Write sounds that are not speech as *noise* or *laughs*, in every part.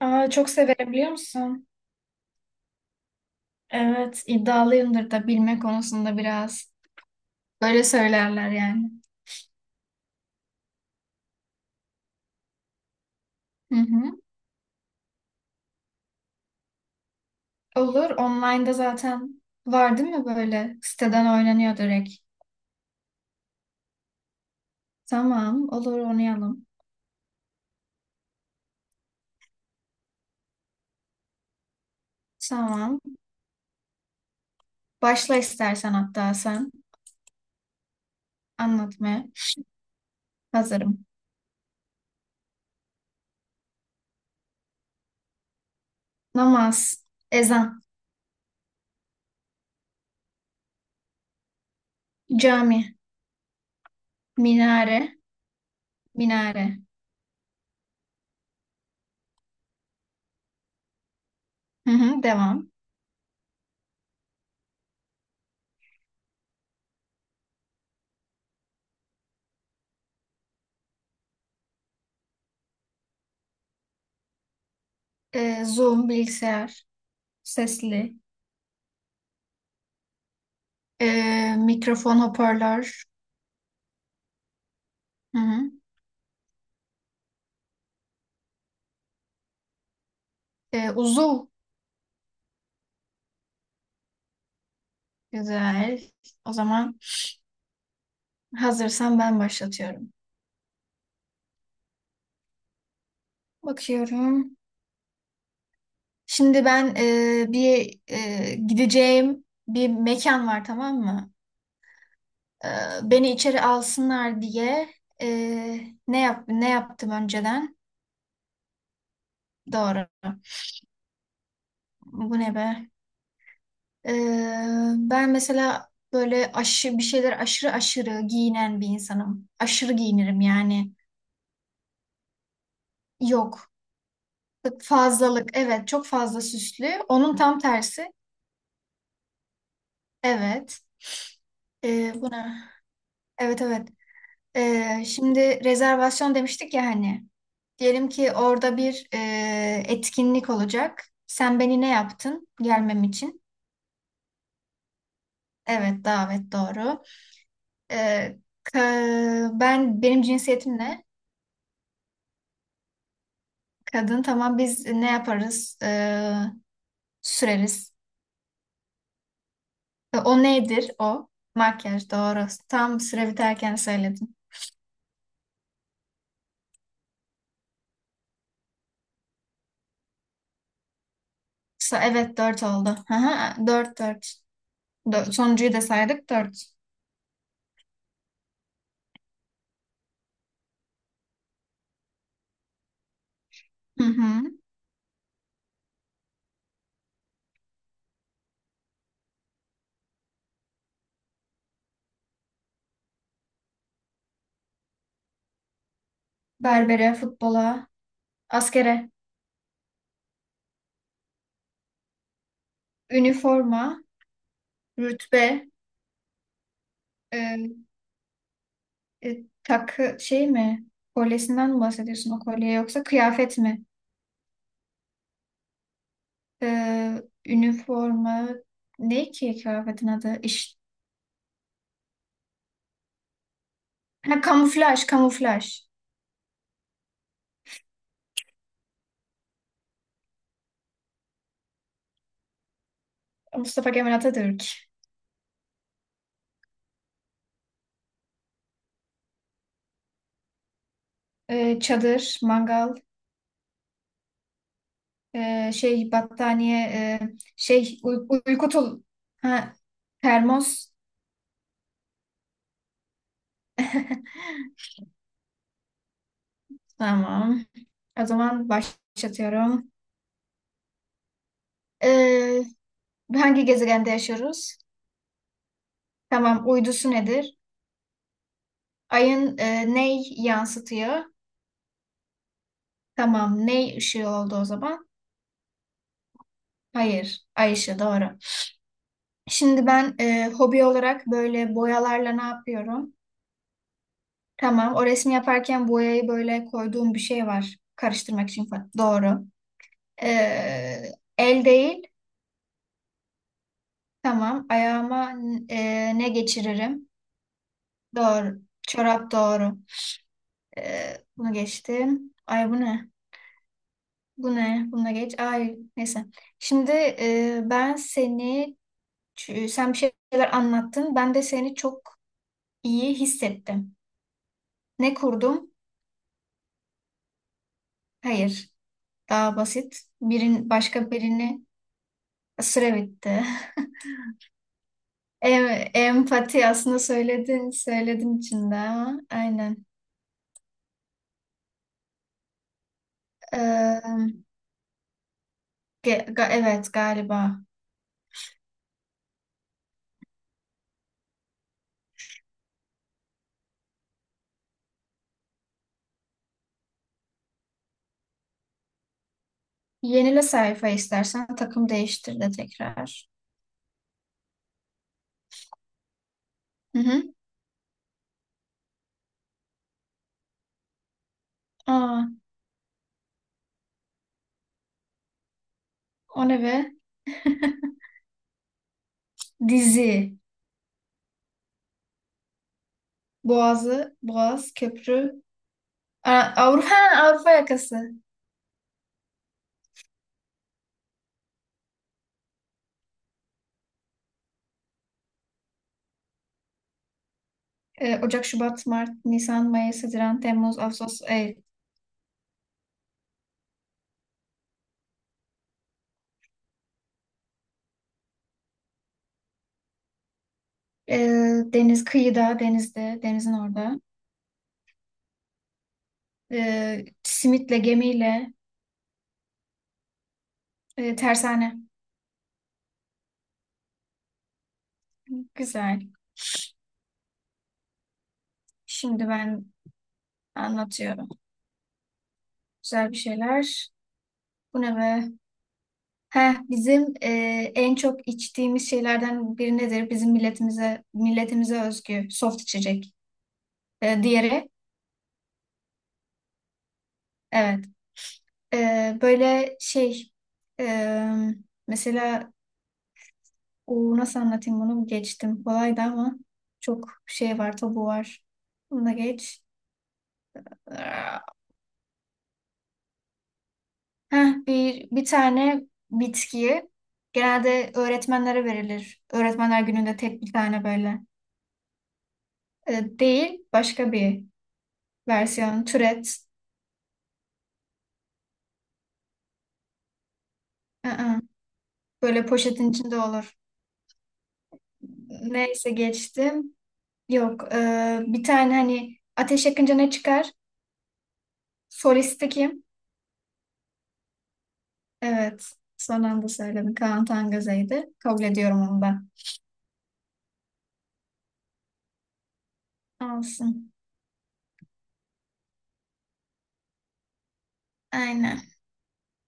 Aa, çok severim biliyor musun? Evet, iddialıyımdır da bilme konusunda biraz. Böyle söylerler yani. Hı hı. Olur, online'da zaten var değil mi böyle? Siteden oynanıyor direkt. Tamam, olur oynayalım. Tamam. Başla istersen hatta sen anlatmaya. Hazırım. Namaz, ezan, cami, minare, minare. Hı hı, devam. Zoom, bilgisayar, sesli, mikrofon, hoparlör. Hı hı. Uzuv. Güzel. O zaman hazırsan ben başlatıyorum. Bakıyorum. Şimdi ben bir gideceğim bir mekan var, tamam mı? Ee, beni içeri alsınlar diye e, ne yaptım önceden? Doğru. Bu ne be? Ben mesela böyle aşırı aşırı giyinen bir insanım. Aşırı giyinirim yani. Yok. Fazlalık, evet, çok fazla süslü. Onun tam tersi. Evet. Buna. Evet evet. Şimdi rezervasyon demiştik ya hani. Diyelim ki orada bir etkinlik olacak. Sen beni ne yaptın gelmem için? Evet, davet doğru. Ee, benim cinsiyetim ne? Kadın, tamam, biz ne yaparız? Süreriz. O nedir o? Makyaj doğru. Tam süre biterken söyledim. Evet, dört oldu. Aha, dört dört. Sonuncuyu da saydık, dört. Hı hı. Berbere, futbola, askere, üniforma, rütbe, e, takı şey mi? Kolyesinden mi bahsediyorsun, o kolye yoksa kıyafet mi? E, üniforma ne ki kıyafetin adı? İş, ha, kamuflaj, kamuflaj. Mustafa Kemal Atatürk. Çadır, mangal, şey, battaniye, şey, uyku tul, ha, termos. Tamam. O zaman başlatıyorum. Ee, hangi gezegende yaşıyoruz? Tamam, uydusu nedir? Ayın ney yansıtıyor? Tamam, ney ışığı oldu o zaman? Hayır, ay ışığı doğru. Şimdi ben hobi olarak böyle boyalarla ne yapıyorum? Tamam, o resmi yaparken boyayı böyle koyduğum bir şey var. Karıştırmak için falan. Doğru. Ee, el değil. Tamam, ayağıma ne geçiririm? Doğru. Çorap doğru. Bunu geçtim. Ay, bu ne? Bu ne? Buna geç. Ay, neyse. Şimdi sen bir şeyler anlattın. Ben de seni çok iyi hissettim. Ne kurdum? Hayır. Daha basit. Birin başka birini süre bitti. *laughs* Empati, aslında söyledin söyledin içinde, ama aynen. Ee, ge- ga- evet, galiba. Yenile sayfa istersen, takım değiştir de tekrar. Hı hı. Aa, o ne be? Dizi. Boğazı, Boğaz, Köprü, Avrupa, Avrupa yakası. Ocak, Şubat, Mart, Nisan, Mayıs, Haziran, Temmuz, Ağustos, Eylül. Ee, deniz kıyıda, denizde, denizin orada. Simitle, gemiyle, tersane. Güzel. Şimdi ben anlatıyorum. Güzel bir şeyler. Bu ne be? Heh, bizim en çok içtiğimiz şeylerden biri nedir? Bizim milletimize milletimize özgü soft içecek. Diğeri, evet. Böyle şey, e, mesela o, nasıl anlatayım, bunu geçtim, kolaydı ama çok şey var, tabu var. Bunu da geç. Heh, bir tane bitkiyi genelde öğretmenlere verilir. Öğretmenler gününde tek bir tane böyle. Değil, başka bir versiyon türet. Aa, böyle poşetin içinde olur. Neyse, geçtim. Yok, bir tane hani ateş yakınca ne çıkar? Solisti kim? Evet. Son anda söyledim. Kaan Tangöze'ydi. Kabul ediyorum onu da. Olsun. Aynen.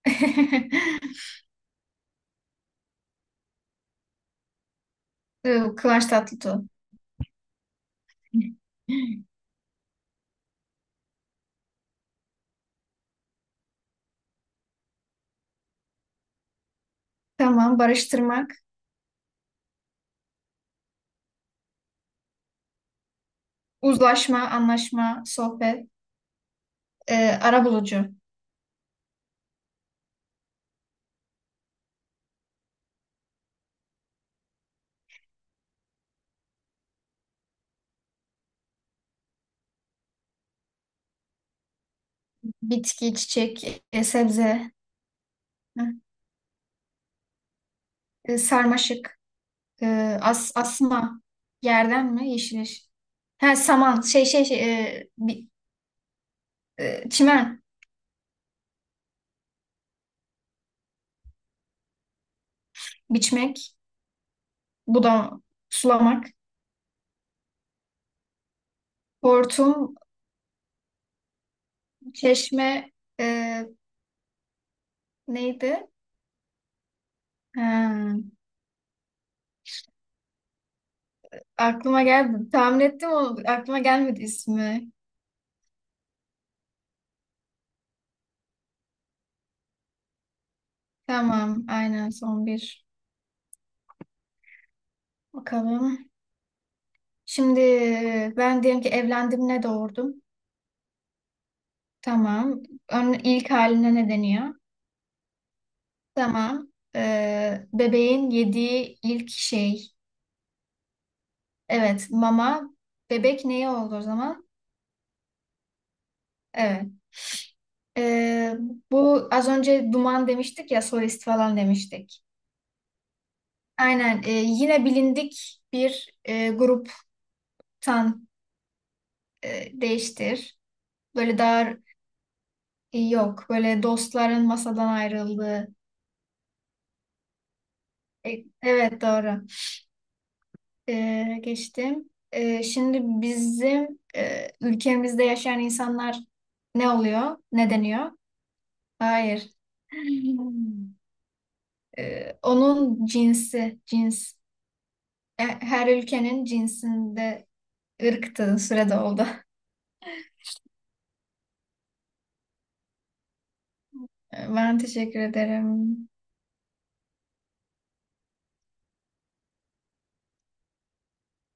*laughs* Kıvanç Tatlıtuğ. Tamam. Barıştırmak. Uzlaşma, anlaşma, sohbet. E, arabulucu. Bitki, çiçek, sebze. Sarmaşık. E, asma. Yerden mi? Yeşil yeşil. Ha, saman. Çimen. Biçmek. Budam. Sulamak. Hortum. Çeşme, e, neydi? Ha, aklıma geldi. Tahmin ettim onu. Aklıma gelmedi ismi. Tamam, aynen, son bir. Bakalım. Şimdi ben diyelim ki evlendim, ne doğurdum? Tamam. Ön, ilk haline ne deniyor? Tamam. Bebeğin yediği ilk şey. Evet, mama. Bebek neye oldu o zaman? Evet. E, bu az önce duman demiştik ya, solist falan demiştik. Aynen, yine bilindik bir gruptan, değiştir. Böyle daha yok. Böyle dostların masadan ayrıldığı. Evet, doğru. Geçtim. Şimdi bizim ülkemizde yaşayan insanlar ne oluyor? Ne deniyor? Hayır. *laughs* Onun cinsi, cins. Her ülkenin cinsinde ırktığı sürede oldu. *laughs* Ben teşekkür ederim.